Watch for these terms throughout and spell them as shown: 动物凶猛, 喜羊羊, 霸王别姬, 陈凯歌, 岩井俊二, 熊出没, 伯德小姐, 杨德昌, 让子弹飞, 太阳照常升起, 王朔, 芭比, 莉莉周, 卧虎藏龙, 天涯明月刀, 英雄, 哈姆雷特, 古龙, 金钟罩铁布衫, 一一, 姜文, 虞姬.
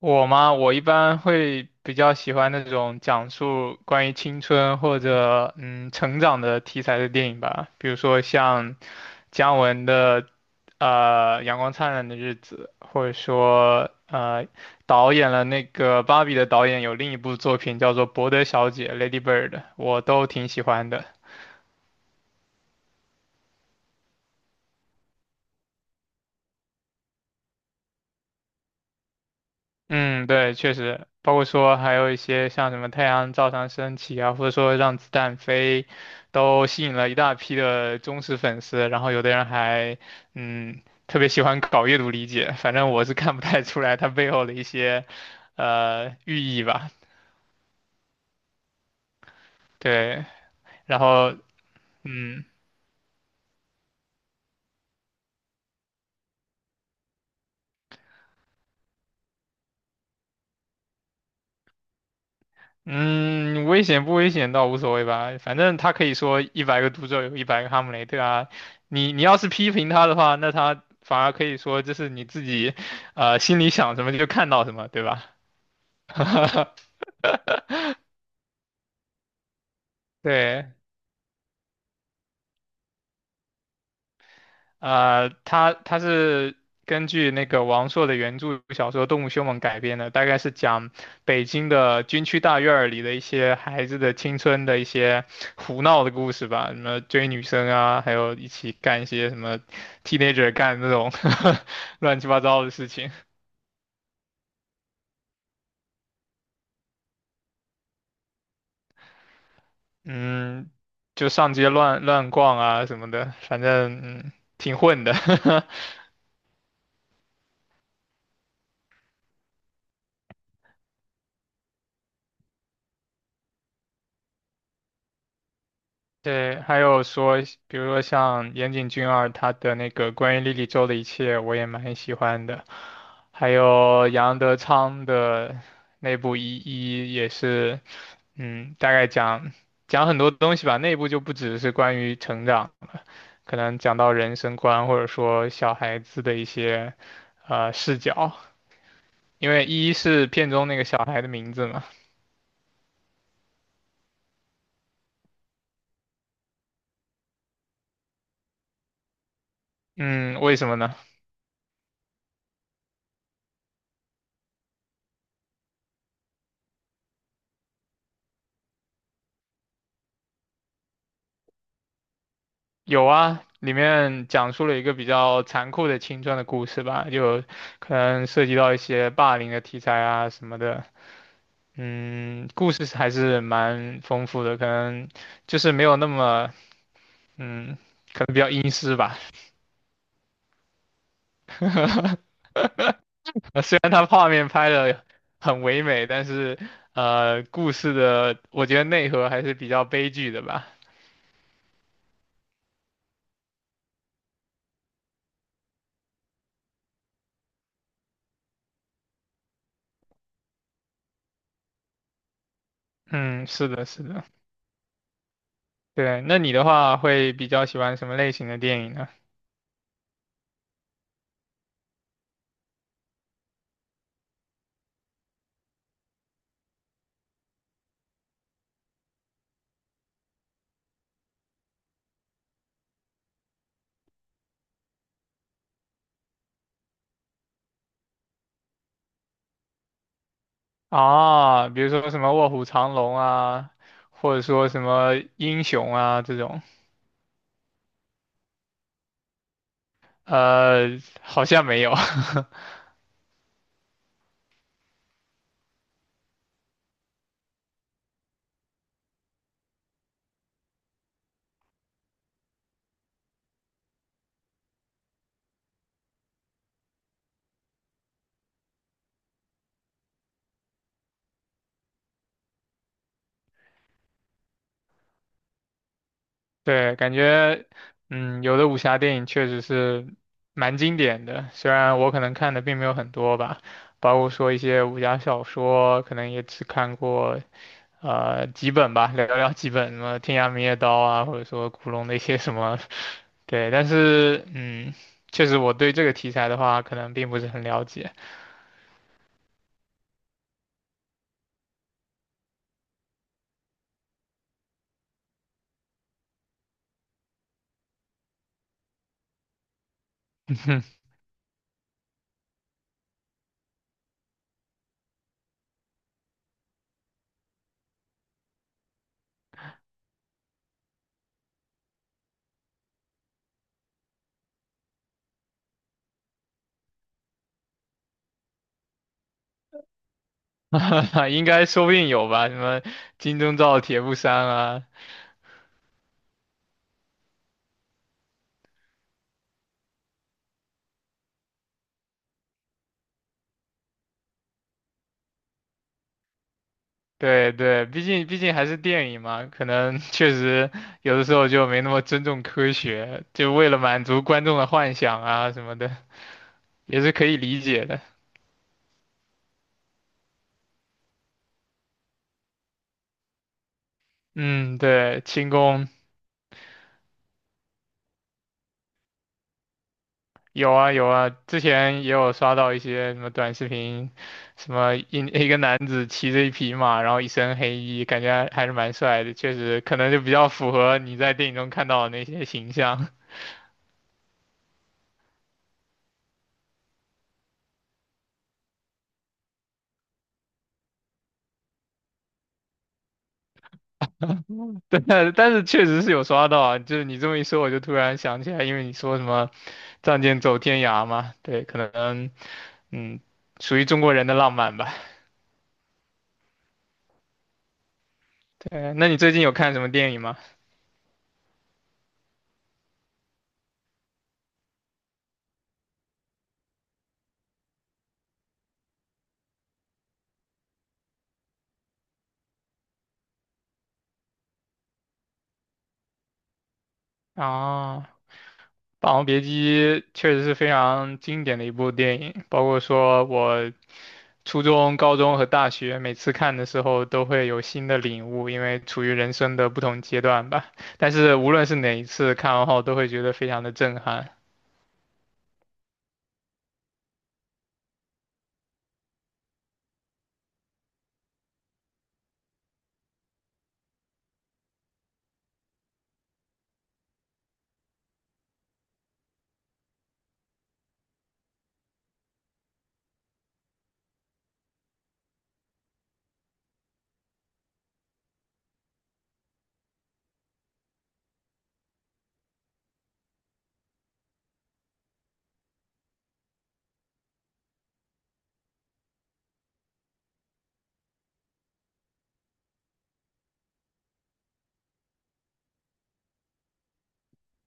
我吗？我一般会比较喜欢那种讲述关于青春或者成长的题材的电影吧，比如说像姜文的《阳光灿烂的日子》，或者说导演了那个《芭比》的导演有另一部作品叫做《伯德小姐》（Lady Bird），我都挺喜欢的。嗯，对，确实，包括说还有一些像什么太阳照常升起啊，或者说让子弹飞，都吸引了一大批的忠实粉丝。然后有的人还，特别喜欢搞阅读理解。反正我是看不太出来它背后的一些，寓意吧。对，然后，嗯。嗯，危险不危险倒无所谓吧，反正他可以说一百个读者有一百个哈姆雷特啊。你要是批评他的话，那他反而可以说这是你自己，心里想什么就看到什么，对吧？对，它是根据那个王朔的原著小说《动物凶猛》改编的，大概是讲北京的军区大院儿里的一些孩子的青春的一些胡闹的故事吧，什么追女生啊，还有一起干一些什么 teenager 干那种 乱七八糟的事情，嗯，就上街乱乱逛啊什么的，反正挺混的。对，还有说，比如说像岩井俊二他的那个关于莉莉周的一切，我也蛮喜欢的。还有杨德昌的那部《一一》也是，大概讲讲很多东西吧。那部就不只是关于成长，可能讲到人生观，或者说小孩子的一些视角。因为一是片中那个小孩的名字嘛，嗯，为什么呢？有啊，里面讲述了一个比较残酷的青春的故事吧，就可能涉及到一些霸凌的题材啊什么的。故事还是蛮丰富的，可能就是没有那么，嗯，可能比较阴湿吧。虽然它画面拍的很唯美，但是故事的我觉得内核还是比较悲剧的吧。嗯，是的，是的。对，那你的话会比较喜欢什么类型的电影呢？啊，比如说什么卧虎藏龙啊，或者说什么英雄啊这种，好像没有。对，感觉，有的武侠电影确实是蛮经典的，虽然我可能看的并没有很多吧，包括说一些武侠小说，可能也只看过几本吧，寥寥几本，什么《天涯明月刀》啊，或者说古龙的一些什么，对，但是，确实我对这个题材的话，可能并不是很了解。应该说不定有吧，什么金钟罩铁布衫啊，对对，毕竟还是电影嘛，可能 确实有的时候就没那么尊重科学，就为了满足观众的幻想啊什么的，也是可以理解的。嗯，对，轻功有啊有啊，之前也有刷到一些什么短视频，什么一个男子骑着一匹马，然后一身黑衣，感觉还是蛮帅的，确实可能就比较符合你在电影中看到的那些形象。对啊，但是确实是有刷到啊，就是你这么一说，我就突然想起来，因为你说什么“仗剑走天涯”嘛，对，可能嗯，属于中国人的浪漫吧。对，那你最近有看什么电影吗？啊，《霸王别姬》确实是非常经典的一部电影，包括说我初中、高中和大学每次看的时候都会有新的领悟，因为处于人生的不同阶段吧。但是无论是哪一次看完后，都会觉得非常的震撼。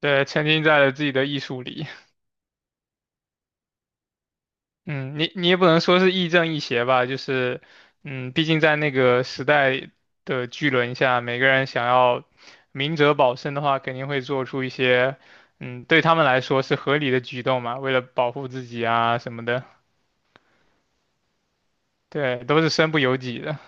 对，沉浸在了自己的艺术里。嗯，你也不能说是亦正亦邪吧，就是，毕竟在那个时代的巨轮下，每个人想要明哲保身的话，肯定会做出一些，对他们来说是合理的举动嘛，为了保护自己啊什么的，对，都是身不由己的。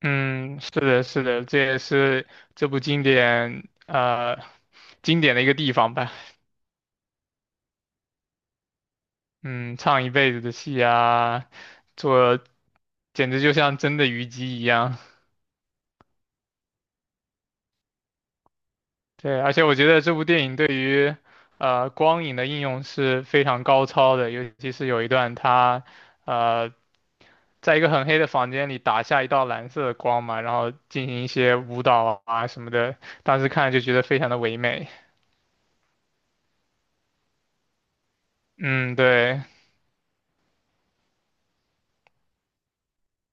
嗯，是的，是的，这也是这部经典，啊，经典的一个地方吧。嗯，唱一辈子的戏啊，做。简直就像真的虞姬一样。对，而且我觉得这部电影对于光影的应用是非常高超的，尤其是有一段他呃在一个很黑的房间里打下一道蓝色的光嘛，然后进行一些舞蹈啊什么的，当时看就觉得非常的唯美。嗯，对，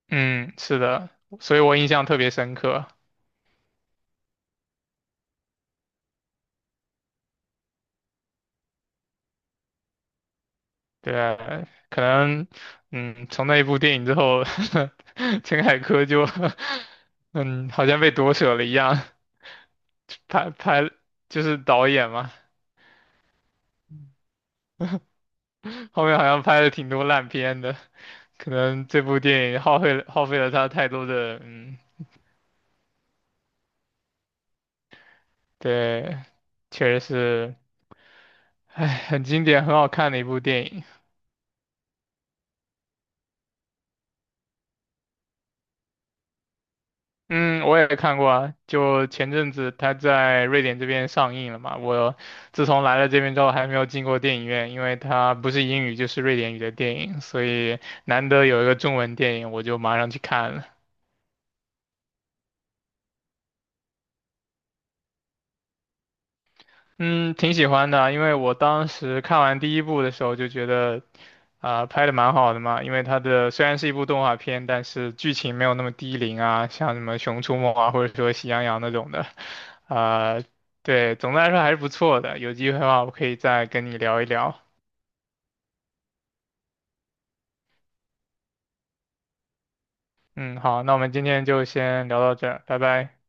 嗯，是的，所以我印象特别深刻。对啊，可能，从那一部电影之后，陈凯歌就，嗯，好像被夺舍了一样，拍拍就是导演嘛，后面好像拍了挺多烂片的，可能这部电影耗费了他太多的，对，确实是，哎，很经典，很好看的一部电影。嗯，我也看过啊，就前阵子他在瑞典这边上映了嘛。我自从来了这边之后，还没有进过电影院，因为它不是英语就是瑞典语的电影，所以难得有一个中文电影，我就马上去看了。嗯，挺喜欢的啊，因为我当时看完第一部的时候就觉得，啊、拍的蛮好的嘛。因为它的虽然是一部动画片，但是剧情没有那么低龄啊，像什么《熊出没》啊，或者说《喜羊羊》那种的，啊、对，总的来说还是不错的。有机会的话，我可以再跟你聊一聊。嗯，好，那我们今天就先聊到这儿，拜拜。